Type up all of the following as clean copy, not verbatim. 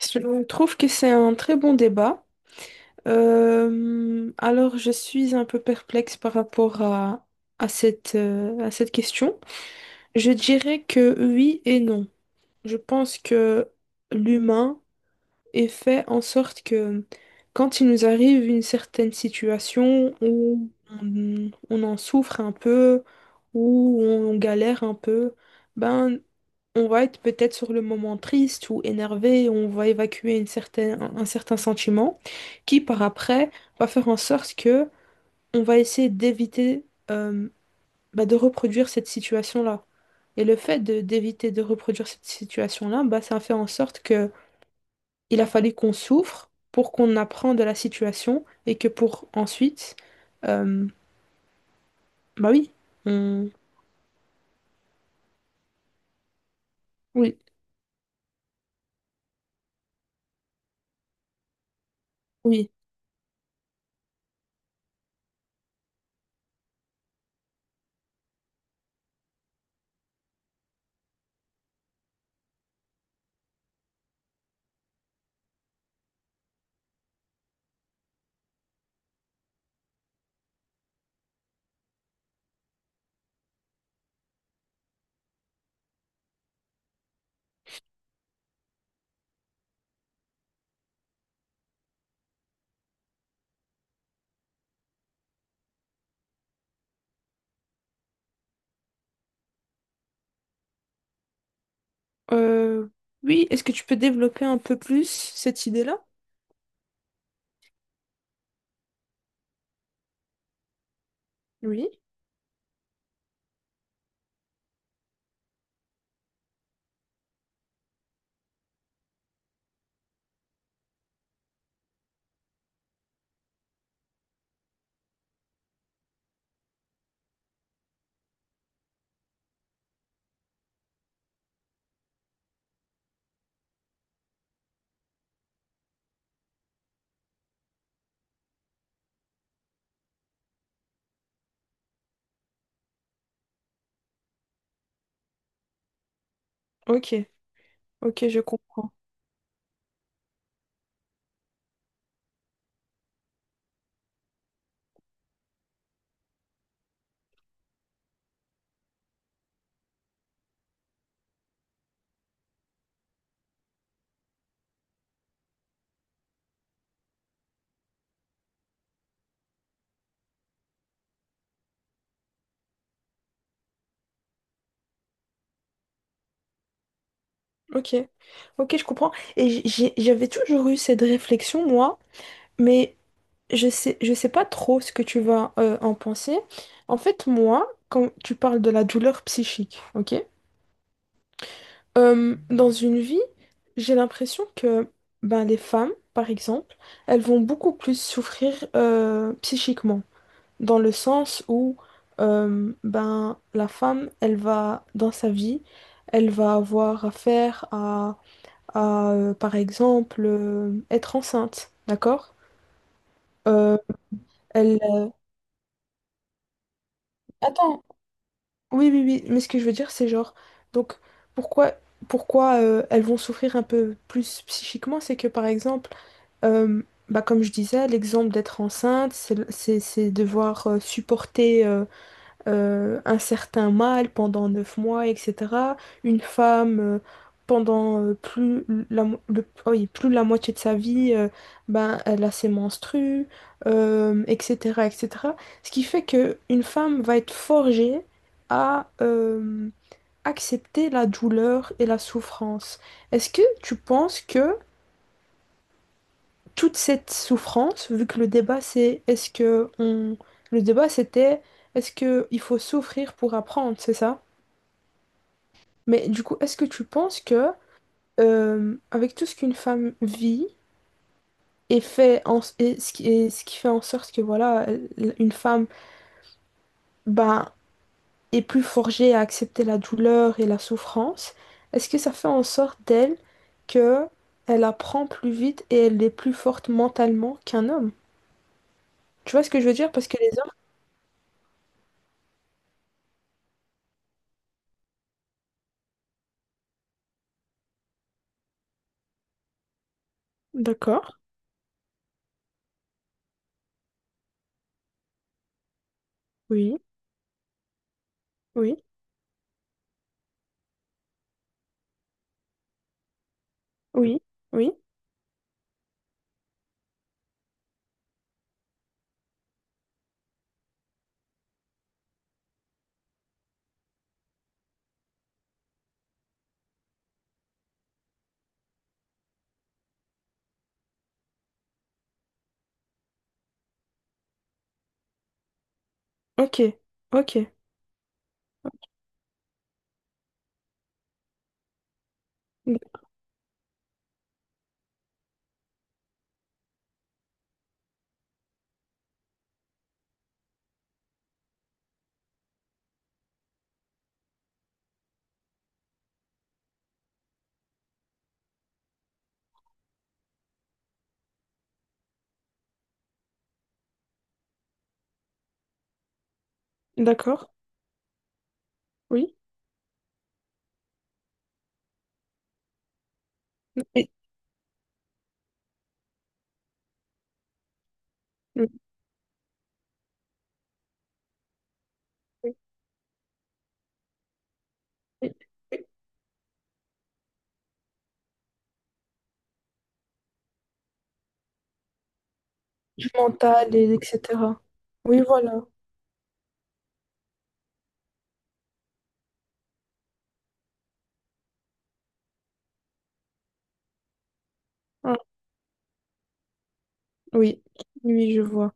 Je trouve que c'est un très bon débat. Je suis un peu perplexe par rapport à cette question. Je dirais que oui et non. Je pense que l'humain est fait en sorte que quand il nous arrive une certaine situation où on en souffre un peu, où on galère un peu, ben, on va être peut-être sur le moment triste ou énervé, on va évacuer une certaine, un certain sentiment qui, par après, va faire en sorte que on va essayer d'éviter euh, bah, de reproduire cette situation-là. Et d'éviter de reproduire cette situation-là, bah, ça a fait en sorte que il a fallu qu'on souffre pour qu'on apprend de la situation et que pour ensuite, euh, bah oui, on... oui, oui, Euh, oui. Est-ce que tu peux développer un peu plus cette idée-là? Oui. Ok, ok, je comprends. Ok, ok, je comprends. Et j'avais toujours eu cette réflexion, moi, mais je sais pas trop ce que tu vas en penser. En fait, moi, quand tu parles de la douleur psychique, ok? Dans une vie, j'ai l'impression que ben, les femmes, par exemple, elles vont beaucoup plus souffrir psychiquement, dans le sens où ben, la femme, elle va, dans sa vie, elle va avoir affaire à, par exemple, être enceinte, d'accord? Euh, elle... Attends, oui, mais ce que je veux dire, c'est genre, donc, pourquoi, pourquoi elles vont souffrir un peu plus psychiquement, c'est que, par exemple, Euh, bah, comme je disais, l'exemple d'être enceinte, c'est devoir supporter un certain mal pendant 9 mois, etc. Une femme, pendant plus, oui, plus de la moitié de sa vie, ben, elle a ses menstrues, etc., etc. Ce qui fait que une femme va être forgée à accepter la douleur et la souffrance. Est-ce que tu penses que toute cette souffrance, vu que le débat c'est est-ce que on... le débat c'était est-ce que il faut souffrir pour apprendre, c'est ça? Mais du coup, est-ce que tu penses que avec tout ce qu'une femme vit et fait en... et ce qui fait en sorte que voilà, une femme ben, est plus forgée à accepter la douleur et la souffrance, est-ce que ça fait en sorte d'elle que elle apprend plus vite et elle est plus forte mentalement qu'un homme? Tu vois ce que je veux dire? Parce que les hommes... D'accord, oui. Oui, oui, oui. Ok, ok. D- D'accord. Oui. Oui. Oui, oui, oui. Du mental, et etc. Oui, voilà. Ah, oui, oui, je vois.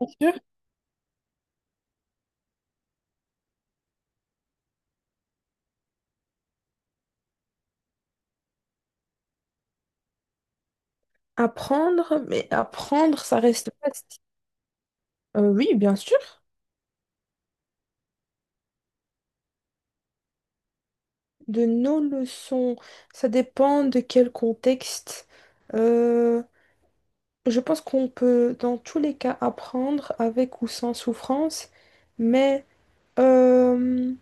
Bien sûr. Apprendre, mais apprendre, ça reste vaste. Oui, bien sûr. De nos leçons, ça dépend de quel contexte. Euh, je pense qu'on peut, dans tous les cas, apprendre avec ou sans souffrance, mais euh,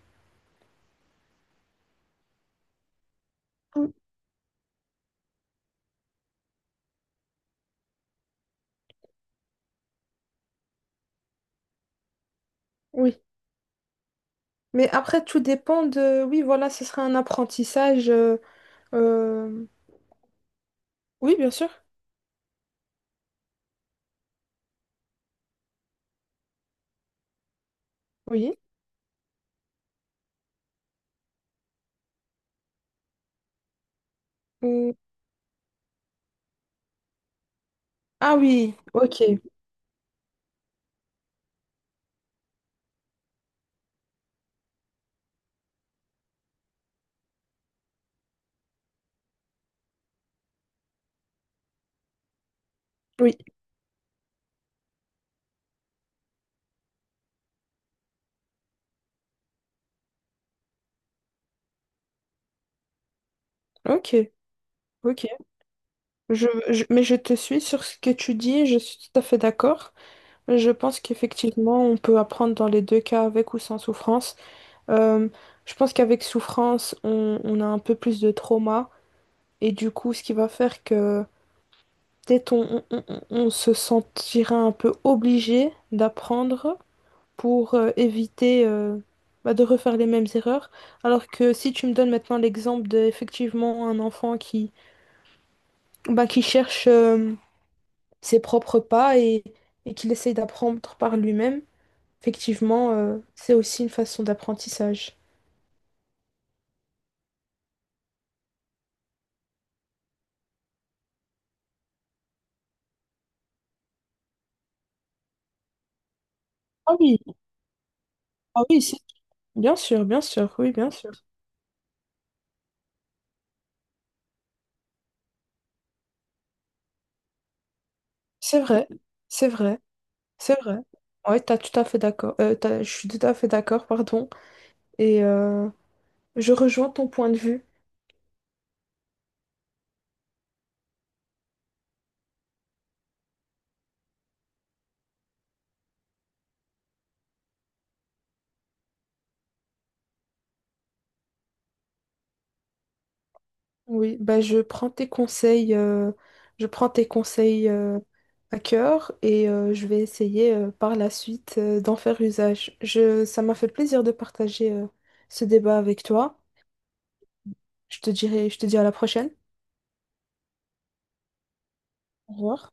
oui, mais après, tout dépend de... Oui, voilà, ce sera un apprentissage. Euh, Oui, bien sûr. Oui. Ou- Ah oui, ok. Oui, ok. Ok. Mais je te suis sur ce que tu dis, je suis tout à fait d'accord. Je pense qu'effectivement, on peut apprendre dans les deux cas, avec ou sans souffrance. Euh, je pense qu'avec souffrance, on a un peu plus de trauma. Et du coup, ce qui va faire que peut-être on se sentira un peu obligé d'apprendre, pour éviter bah, de refaire les mêmes erreurs. Alors que si tu me donnes maintenant l'exemple de effectivement un enfant qui, bah, qui cherche ses propres pas et, et qu'il essaye d'apprendre par lui-même, effectivement, c'est aussi une façon d'apprentissage. Ah oui, ah oui, c'est- bien sûr, oui, bien sûr. C'est vrai, c'est vrai, c'est vrai. Ouais, t'as tout à fait d'accord. Je suis tout à fait d'accord, pardon. Et je rejoins ton point de vue. Oui, bah je prends tes conseils, je prends tes conseils euh, à cœur et je vais essayer par la suite d'en faire usage. Ça m'a fait plaisir de partager ce débat avec toi. Je te dis à la prochaine. Au revoir.